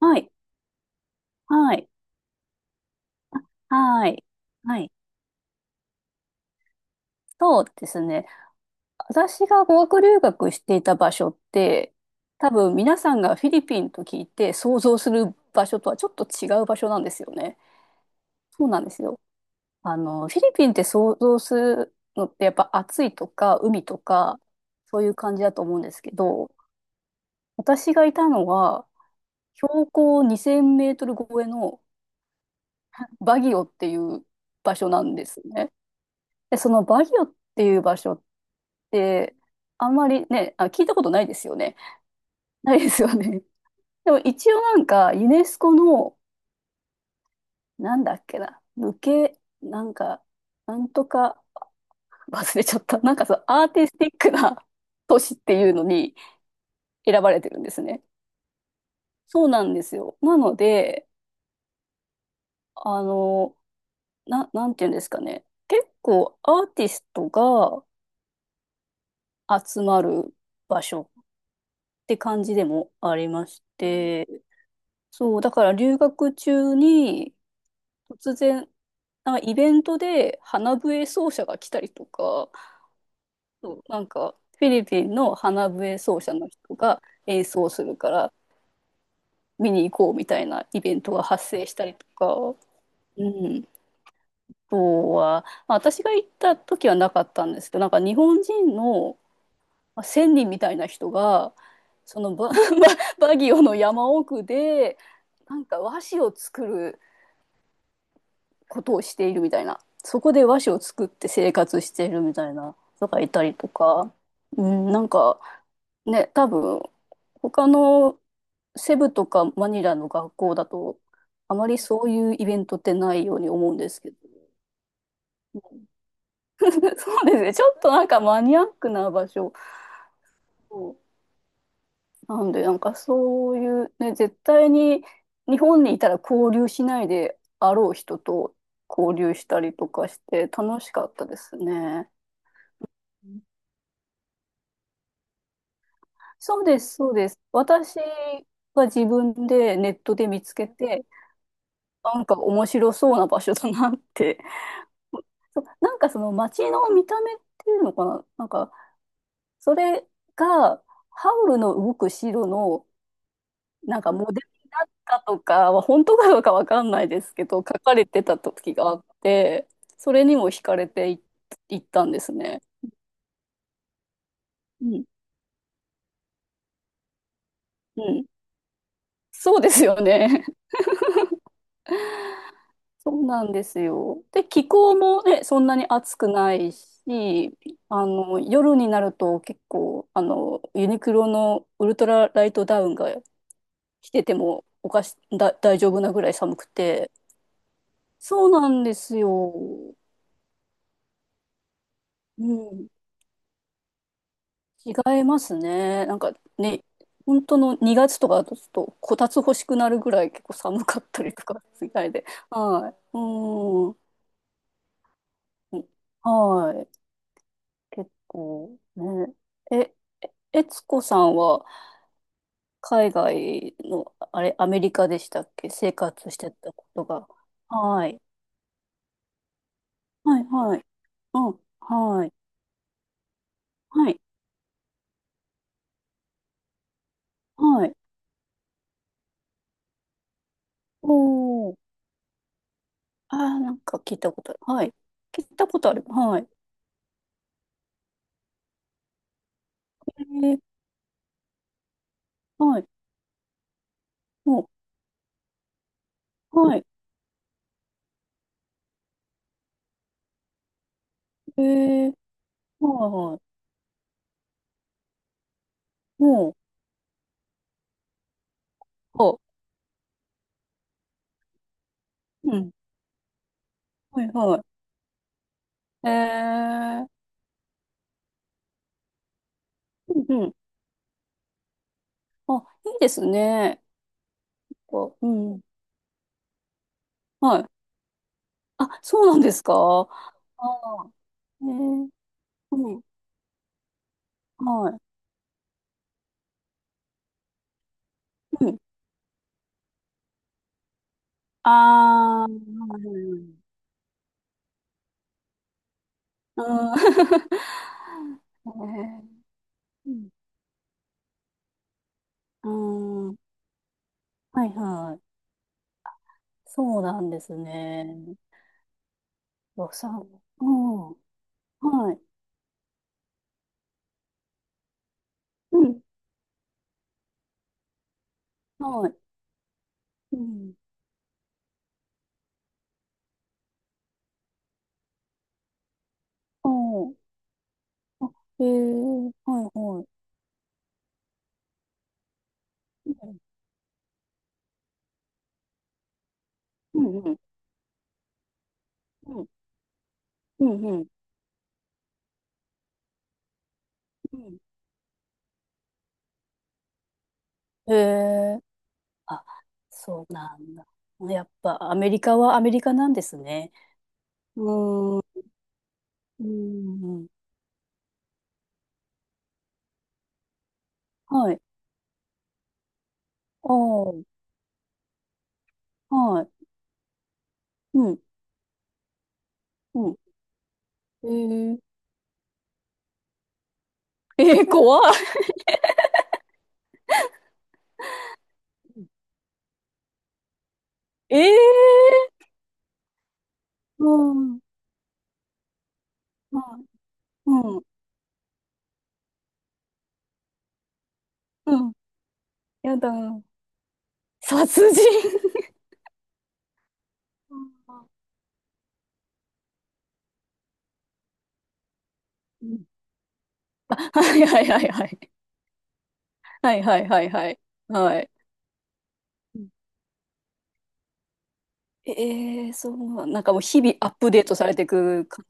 はい、はい、はい、はい。そうですね。私が語学留学していた場所って、多分皆さんがフィリピンと聞いて想像する場所とはちょっと違う場所なんですよね。そうなんですよ。あの、フィリピンって想像するのってやっぱ暑いとか海とか、そういう感じだと思うんですけど、私がいたのは標高2000メートル超えのバギオっていう場所なんですね。で、そのバギオっていう場所っで、あんまりね、あ、聞いたことないですよね。ないですよね。でも一応なんか、ユネスコの、なんだっけな、無形、なんか、なんとか、忘れちゃった。なんかそのアーティスティックな都市っていうのに 選ばれてるんですね。そうなんですよ。なので、あの、なんていうんですかね。結構アーティストが集まる場所って感じでもありまして、そう、だから留学中に、突然、なんかイベントで花笛奏者が来たりとか、そうなんかフィリピンの花笛奏者の人が演奏するから見に行こうみたいなイベントが発生したりとか、うん、あとは、まあ、私が行った時はなかったんですけど、なんか日本人のまあ人みたいな人が、そのバ、ババギオの山奥で、なんか和紙を作ることをしているみたいな。そこで和紙を作って生活しているみたいな人がいたりとか、うん、なんかね、多分他のセブとかマニラの学校だと、あまりそういうイベントってないように思うんですけど そうですね。ちょっとなんかマニアックな場所。なんで、なんかそういうね、絶対に日本にいたら交流しないであろう人と交流したりとかして楽しかったですね。そうです、そうです。私が自分でネットで見つけて、なんか面白そうな場所だなって。そう、なんかその街の見た目っていうのかな、なんかそれがハウルの動く城のなんかモデルになったとかは本当かどうかわかんないですけど、書かれてた時があって、それにも惹かれてい、いったんですね。うん、うん、そうですよね。そうなんですよ。で、気候もね、そんなに暑くないし、あの、夜になると結構、あの、ユニクロのウルトラライトダウンが着ててもおかし、だ、大丈夫なぐらい寒くて。そうなんですよ。うん。違いますね。なんかね、本当の2月とかだとちょっとこたつ欲しくなるぐらい結構寒かったりとかするみたいで。はい。うん。はい。結構ね。え、えつこさんは海外の、あれ、アメリカでしたっけ生活してたことが。はい。はい、はい。うん、はい。はい、はい。おー。ああ、なんか聞いたことある。はい。聞いたことある。はい。えー、はい。もう、はい。えー、はい、はい。もう、あ、うん。はい、はい。えー、うん、うん。あ、いいですね。こううん。はい。あ、そうなんですか ああえー、うん、はい。うん。ああ、はいはいはい。うん。えー、うん。うんはいはい。そうなんですね。予算。うん。はい。うん。はい。うん。おーあ、えー、はいはい。うん。うんうん。うん。うん。うん。うんへえ。あ、そうなんだ。やっぱアメリカはアメリカなんですね。うーん、うーん、はい。ああ、はい。うん、うん。えー、えー、怖い。ええー、うん、うん、うん、うんやだ。殺人。うんはいはいはいはい。はいはいはいはい。はい。うんええー、そう、なんかもう日々アップデートされていく感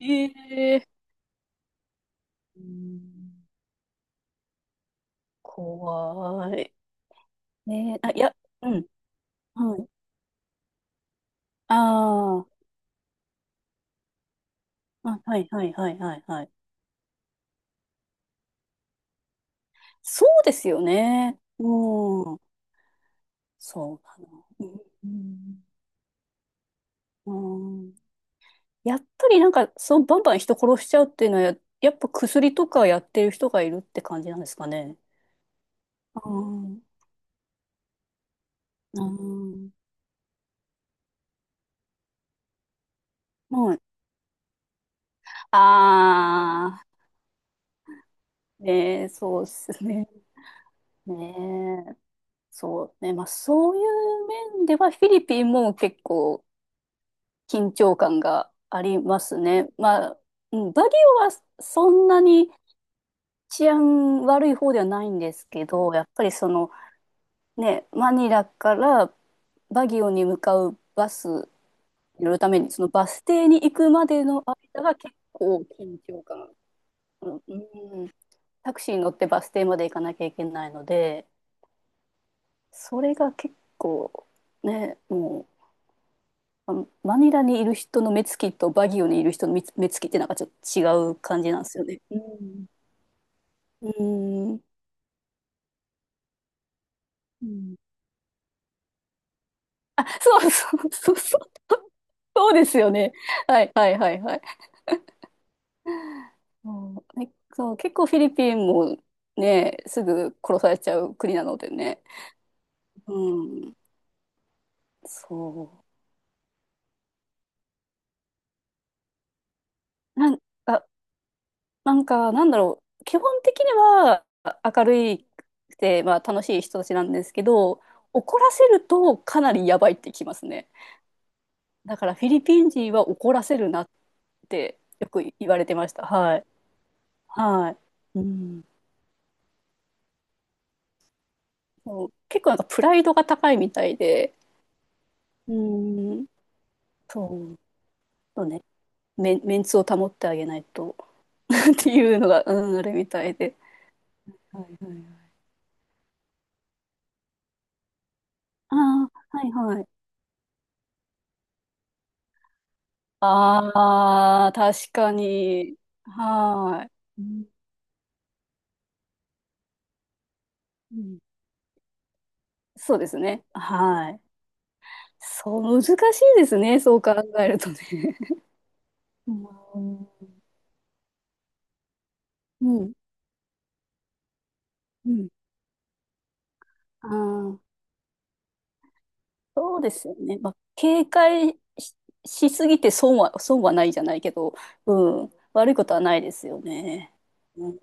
じ。ええー、うん怖い。ねえ、あ、いや、うん、はい。あーあ、はい、はい、はい、はい、はい。そうですよね。うん、そうなの。うん、うんうんやっぱりなんか、そう、バンバン人殺しちゃうっていうのはやっぱ薬とかやってる人がいるって感じなんですかね。うん、うん、はい。ああ、ねえ、そうですね。ねえ、そうね。まあ、そういう面では、フィリピンも結構、緊張感がありますね。まあ、うんバリオはそんなに治安悪い方ではないんですけど、やっぱりそのね、マニラからバギオに向かうバスに乗るために、そのバス停に行くまでの間が結構緊張感、うん、うんタクシーに乗ってバス停まで行かなきゃいけないので、それが結構ね、もうあのマニラにいる人の目つきとバギオにいる人の目つきってなんかちょっと違う感じなんですよね。うん。うん。うんあ、そうそうそうそう。そうですよね。はいはいはいはい。そうねそう、結構フィリピンもね、すぐ殺されちゃう国なのでね。うん、そう。なんか、なんか、なんだろう。基本的には明るいくて、まあ楽しい人たちなんですけど、怒らせるとかなりやばいってきますね。だからフィリピン人は怒らせるなってよく言われてました。はい。はい。うん。そう結構なんかプライドが高いみたいで、うん、そう、そうね、メンツを保ってあげないと っていうのが、うん、あるみたいで。はいはいはい。ああ、はいはい。ああ、確かに。はい。うんうんそうですね。はい。そう、難しいですね。そう考えるとね。うん、うん、うんああ、そうですよね。まあ、警戒し、しすぎて損は、損はないじゃないけど、うん、悪いことはないですよね。うん